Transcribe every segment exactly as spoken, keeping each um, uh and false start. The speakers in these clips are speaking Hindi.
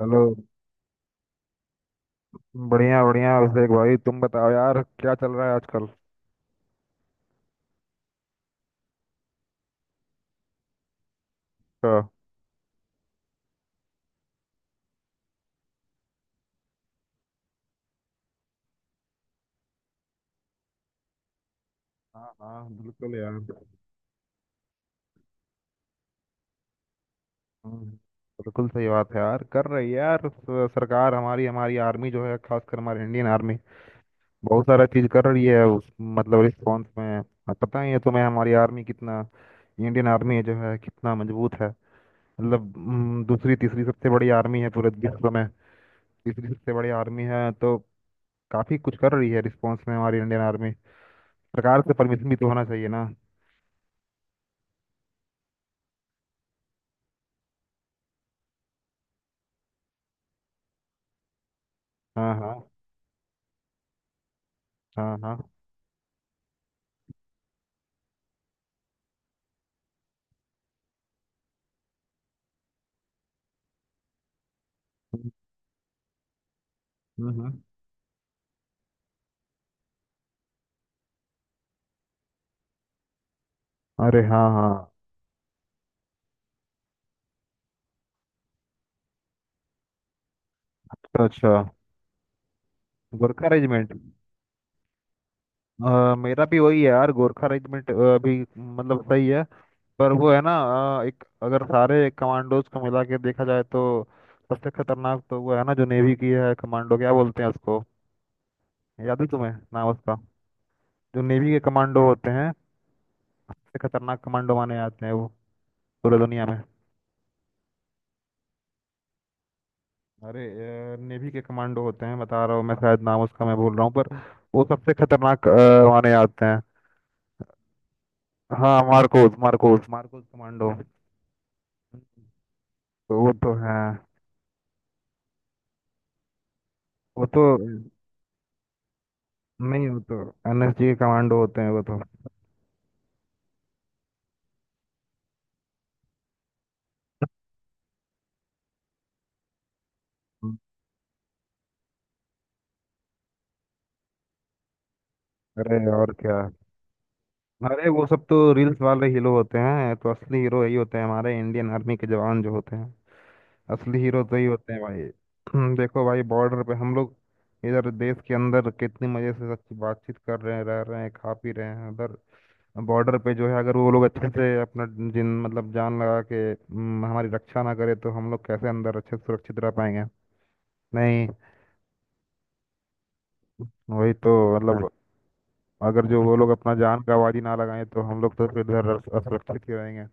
हेलो। बढ़िया बढ़िया अभिषेक भाई, तुम बताओ यार क्या चल रहा है आजकल। का। हाँ हाँ, बिल्कुल यार। हम्म, बिल्कुल सही बात है यार। कर रही है यार। स- सरकार, हमारी हमारी आर्मी जो है, खासकर हमारी इंडियन आर्मी बहुत सारा चीज कर रही है उस मतलब रिस्पॉन्स में। अब पता ही है तुम्हें हमारी आर्मी कितना इंडियन आर्मी जो है कितना मजबूत है। मतलब हम्म, दूसरी तीसरी सबसे बड़ी आर्मी है पूरे विश्व में। तीसरी सबसे बड़ी आर्मी है, तो काफी कुछ कर रही है रिस्पॉन्स में हमारी इंडियन आर्मी। सरकार से परमिशन भी तो होना चाहिए ना। हाँ हाँ। हाँ हाँ। हम्म हम्म। अरे हाँ हाँ। अच्छा अच्छा। गोरखा रेजिमेंट। अ, मेरा भी वही है यार, गोरखा रेजिमेंट अभी मतलब सही है, पर वो है ना। अ, एक अगर सारे कमांडोज को मिला के देखा जाए तो सबसे खतरनाक तो वो है ना जो नेवी की है कमांडो, क्या बोलते हैं उसको, याद है तुम्हें नाम उसका? जो नेवी के कमांडो होते हैं सबसे खतरनाक कमांडो माने जाते हैं वो पूरी दुनिया में। अरे, नेवी के कमांडो होते हैं बता रहा हूँ मैं, शायद नाम उसका मैं भूल रहा हूँ, पर वो सबसे खतरनाक अ, माने जाते हैं। हाँ मार्कोस, मार्कोस मार्कोस कमांडो। तो वो तो है। वो तो, नहीं वो तो एन एस जी के कमांडो होते हैं वो तो। अरे, और क्या। अरे वो सब तो रील्स वाले हीरो होते हैं, तो असली हीरो यही होते हैं, हमारे इंडियन आर्मी के जवान जो होते हैं। असली हीरो तो ही होते हैं भाई। हम्म, देखो भाई, बॉर्डर पे हम लोग इधर देश के अंदर कितनी मजे से अच्छी बातचीत कर रहे हैं, रह रहे हैं, खा पी रहे हैं। उधर बॉर्डर पे जो है, अगर वो लोग अच्छे से अपना जिन मतलब जान लगा के हम्म, हमारी रक्षा ना करे तो हम लोग कैसे अंदर अच्छे से सुरक्षित रह पाएंगे। नहीं। वही तो मतलब, अगर जो वो लोग अपना जान का आवाज ही ना लगाएं तो हम लोग तो फिर इधर अस- असुरक्षित ही रहेंगे।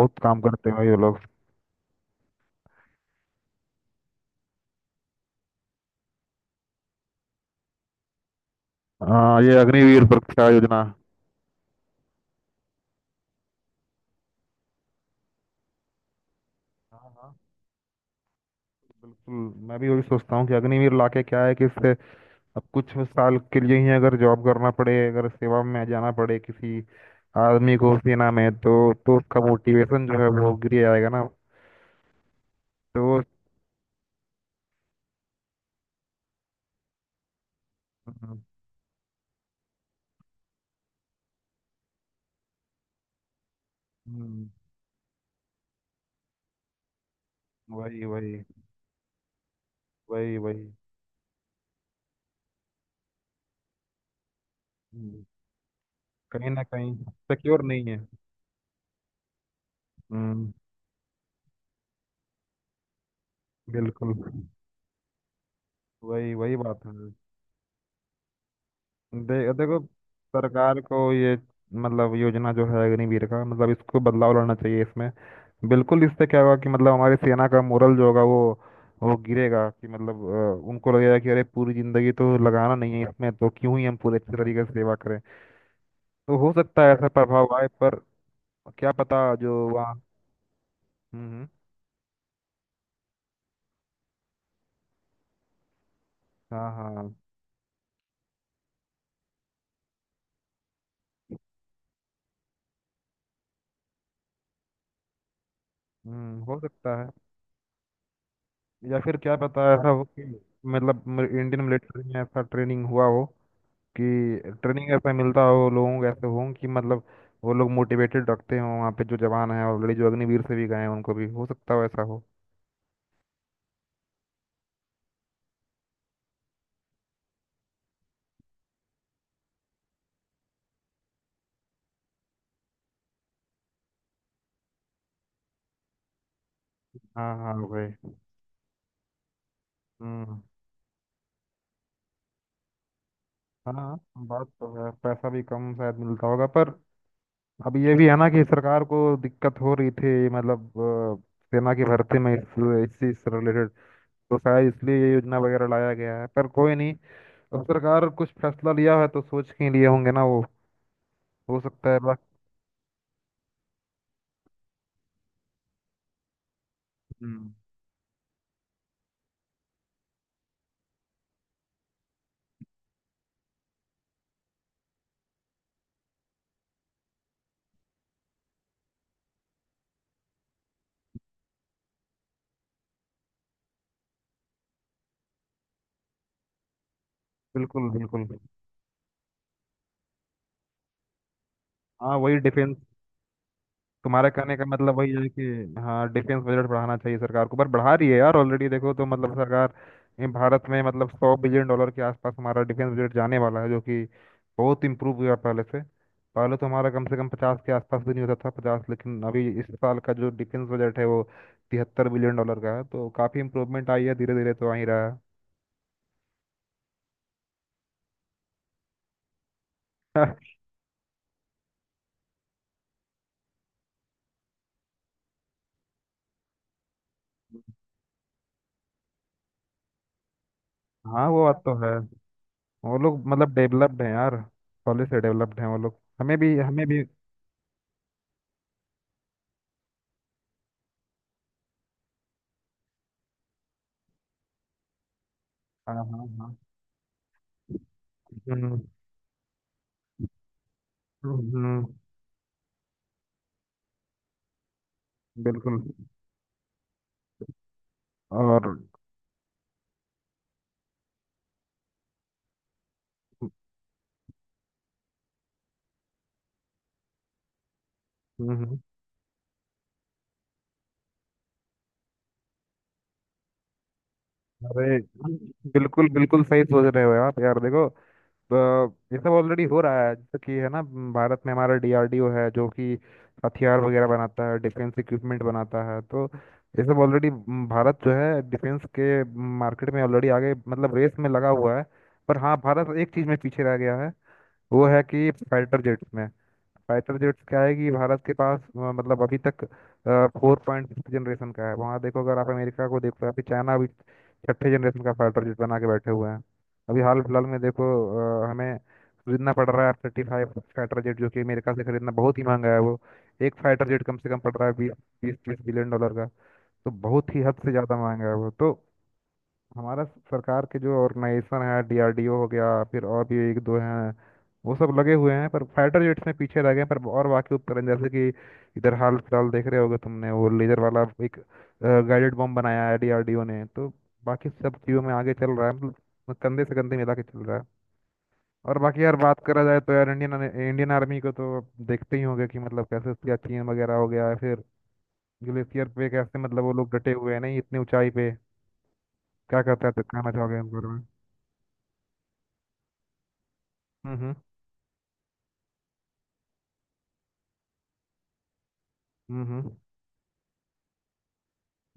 बहुत काम करते हैं भाई वो लोग। हाँ, ये अग्निवीर सुरक्षा योजना। हाँ हाँ, बिल्कुल। मैं भी वही सोचता हूँ कि अग्निवीर लाके क्या है कि इससे अब कुछ साल के लिए ही अगर जॉब करना पड़े, अगर सेवा में जाना पड़े किसी आदमी को सेना में, तो तो उसका मोटिवेशन जो है वो गिर जाएगा ना। तो हम्म, हम्म, वही वही, वही वही, हम्म, कहीं ना कहीं सिक्योर नहीं है। हम्म, बिल्कुल। वही वही बात है। दे, देखो सरकार को, ये मतलब योजना जो है अग्निवीर का मतलब इसको बदलाव लाना चाहिए इसमें। बिल्कुल। इससे क्या होगा कि मतलब हमारी सेना का मोरल जो होगा वो वो गिरेगा कि मतलब अ, उनको लगेगा कि अरे, पूरी जिंदगी तो लगाना नहीं है इसमें तो क्यों ही हम पूरे अच्छे तरीके से सेवा करें। तो हो सकता है ऐसा प्रभाव आए, पर क्या पता जो वहाँ। हम्म हम्म, हाँ हाँ, हम्म हो सकता है। या फिर क्या पता ऐसा हो कि मतलब मि- इंडियन मिलिट्री में ऐसा ट्रेनिंग हुआ हो कि ट्रेनिंग ऐसा मिलता हो लोगों को, ऐसे हों कि मतलब वो लोग मोटिवेटेड रखते हों। वहाँ पे जो जवान हैं ऑलरेडी, जो अग्निवीर से भी गए हैं, उनको भी हो सकता हो ऐसा हो। हाँ हाँ भाई। हम्म। हाँ, बात तो है। पैसा भी कम शायद मिलता होगा, पर अब ये भी है ना कि सरकार को दिक्कत हो रही थी मतलब अ, सेना की भर्ती में इस इस चीज से रिलेटेड, तो शायद इसलिए ये योजना वगैरह लाया गया है। पर कोई नहीं, अब सरकार कुछ फैसला लिया है तो सोच के लिए होंगे ना वो। हो सकता है बस। हम्म, बिल्कुल बिल्कुल। हाँ, वही डिफेंस। तुम्हारे कहने का मतलब वही है कि हाँ, डिफेंस बजट बढ़ाना चाहिए सरकार को। पर बढ़ा रही है यार ऑलरेडी, देखो तो मतलब सरकार, ये भारत में मतलब सौ बिलियन डॉलर के आसपास हमारा डिफेंस बजट जाने वाला है, जो कि बहुत इम्प्रूव हुआ पहले से। पहले तो हमारा कम से कम पचास के आसपास भी नहीं होता था, पचास। लेकिन अभी इस साल का जो डिफेंस बजट है वो तिहत्तर बिलियन डॉलर का है, तो काफ़ी इम्प्रूवमेंट आई है। धीरे धीरे तो आ ही रहा है। हाँ, वो बात तो है। वो लोग मतलब डेवलप्ड हैं यार, पहले से डेवलप्ड हैं वो लोग। हमें भी, हमें भी। हाँ हाँ हाँ। हम्म हम्म, हम्म। बिल्कुल। और हम्म, अरे बिल्कुल बिल्कुल। हम्म। सही सोच रहे हो आप यार। देखो तो, ये सब ऑलरेडी हो रहा है, जैसे कि है ना, भारत में हमारा डी आर डी ओ है जो कि हथियार वगैरह बनाता है, डिफेंस इक्विपमेंट बनाता है। तो ये सब ऑलरेडी, भारत जो है डिफेंस के मार्केट में ऑलरेडी आगे मतलब रेस में लगा हुआ है। पर हाँ, भारत एक चीज़ में पीछे रह गया है। वो है कि फाइटर जेट्स में। फाइटर जेट्स क्या है कि भारत के पास अ, मतलब अभी तक फोर पॉइंट फिफ्थ जनरेशन का है। वहाँ देखो, अगर आप अमेरिका को देखो, अभी चाइना अभी छठे जनरेशन का फाइटर जेट बना के बैठे हुए हैं। अभी हाल फिलहाल में देखो, अ, हमें खरीदना पड़ रहा है F thirty five fighter jet, जो कि अमेरिका से खरीदना बहुत ही महंगा है वो। एक फाइटर जेट कम से कम पड़ रहा है बीस, बीस तीस बिलियन डॉलर का। तो बहुत ही हद से ज़्यादा महंगा है वो तो। हमारा सरकार के जो ऑर्गेनाइजेशन है, डी आर डी ओ हो गया, फिर और भी एक दो हैं, वो सब लगे हुए हैं। पर फाइटर जेट्स में पीछे रह गए हैं। पर और बाकी उपकरण जैसे कि इधर हाल फिलहाल देख रहे होगे तुमने, वो लेजर वाला एक गाइडेड बम बनाया है डी आर डी ओ ने, तो बाकी सब चीज़ों में आगे चल रहा है, मतलब कंधे से कंधे मिला के चल रहा है। और बाकी यार बात करा जाए तो यार इंडियन इंडियन आर्मी को तो आप देखते ही होंगे कि मतलब कैसे उसका चीन वगैरह हो गया है, फिर ग्लेशियर पे कैसे मतलब वो लोग डटे हुए हैं, नहीं, इतनी ऊंचाई पे, क्या कहता है कहना चाहोगे इस बारे में? हम्म हम्म हम्म।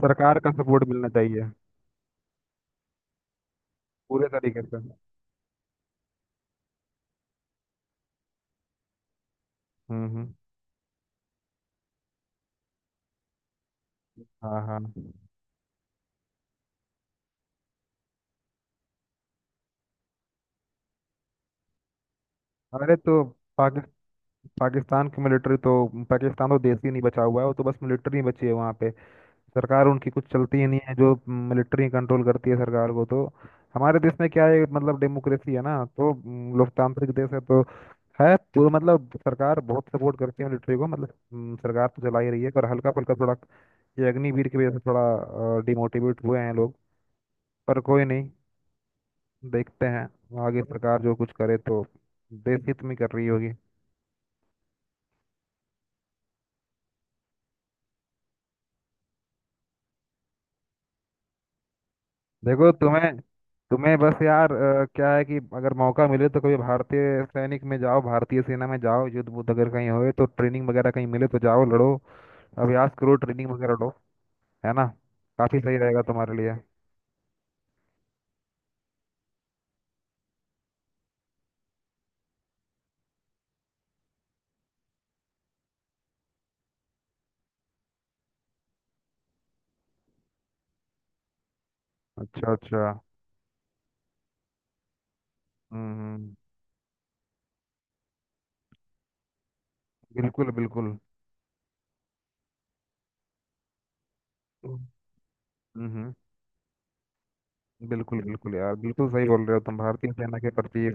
सरकार का सपोर्ट मिलना चाहिए पूरे तरीके से। हम्म हम्म। हाँ हाँ। अरे तो पाकि, पाकिस्तान की मिलिट्री तो, पाकिस्तान तो देश ही नहीं बचा हुआ है वो तो, बस मिलिट्री ही बची है वहाँ पे। सरकार उनकी कुछ चलती ही नहीं है, जो मिलिट्री कंट्रोल करती है सरकार को तो। हमारे देश में क्या है मतलब डेमोक्रेसी है ना, तो हम्म, लोकतांत्रिक देश है तो, है तो मतलब सरकार बहुत सपोर्ट करती है मिलिट्री को, मतलब हम्म, सरकार तो चला ही रही है, पर हल्का फुल्का थोड़ा ये अग्निवीर की वजह से थोड़ा डिमोटिवेट हुए हैं लोग। पर कोई नहीं, देखते हैं आगे सरकार जो कुछ करे तो देश हित में कर रही होगी। देखो तुम्हें तुम्हें बस यार अ, क्या है कि अगर मौका मिले तो कभी भारतीय सैनिक में जाओ, भारतीय सेना में जाओ। युद्ध बुद्ध अगर कहीं होए तो ट्रेनिंग वगैरह कहीं मिले तो जाओ लड़ो, अभ्यास करो, ट्रेनिंग वगैरह लो। है ना? काफी सही रहेगा तुम्हारे लिए। अच्छा अच्छा। हम्म हम्म, बिल्कुल बिल्कुल। हम्म हम्म, बिल्कुल बिल्कुल यार, बिल्कुल सही बोल रहे हो तुम भारतीय सेना के प्रति।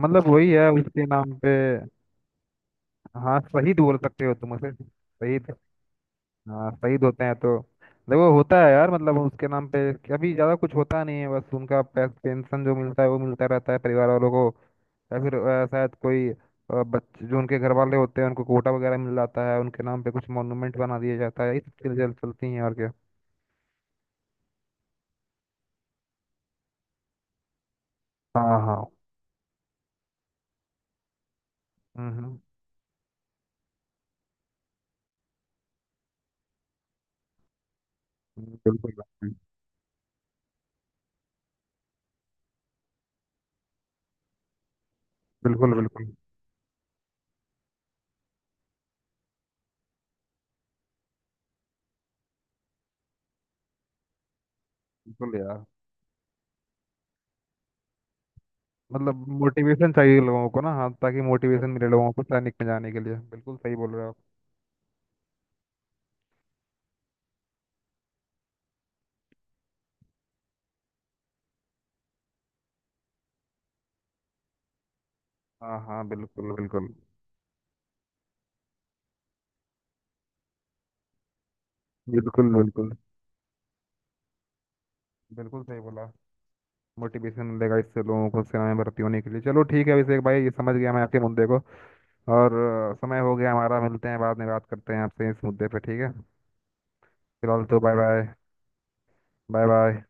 मतलब वही है उसके नाम पे। हाँ, शहीद बोल सकते हो तुम उसे, शहीद। हाँ, शहीद होते हैं तो। देखो होता है यार मतलब उसके नाम पे अभी ज्यादा कुछ होता नहीं है, बस उनका पे, पेंशन जो मिलता है वो मिलता रहता है परिवार वालों को। या फिर अ, शायद कोई अ, बच्चे जो उनके घर वाले होते हैं उनको कोटा वगैरह मिल जाता है, उनके नाम पे कुछ मॉन्यूमेंट बना दिया जाता है, ये सब चीजें चल चलती हैं, और क्या। हाँ हाँ। हम्म हम्म, बिल्कुल बिल्कुल। बिल्कुल बिल्कुल यार, मतलब मोटिवेशन चाहिए लोगों को ना, हाँ, ताकि मोटिवेशन मिले लोगों को सैनिक में जाने के लिए। बिल्कुल सही बोल रहे हो आप। हाँ हाँ, बिल्कुल बिल्कुल। बिल्कुल बिल्कुल बिल्कुल सही बोला। मोटिवेशन मिलेगा इससे लोगों को सेना में भर्ती होने के लिए। चलो ठीक है अभिषेक भाई, ये समझ गया मैं आपके मुद्दे को। और अ, समय हो गया हमारा, मिलते हैं बाद में, बात करते हैं आपसे इस मुद्दे पे, ठीक है। फिलहाल तो बाय बाय। Bye bye.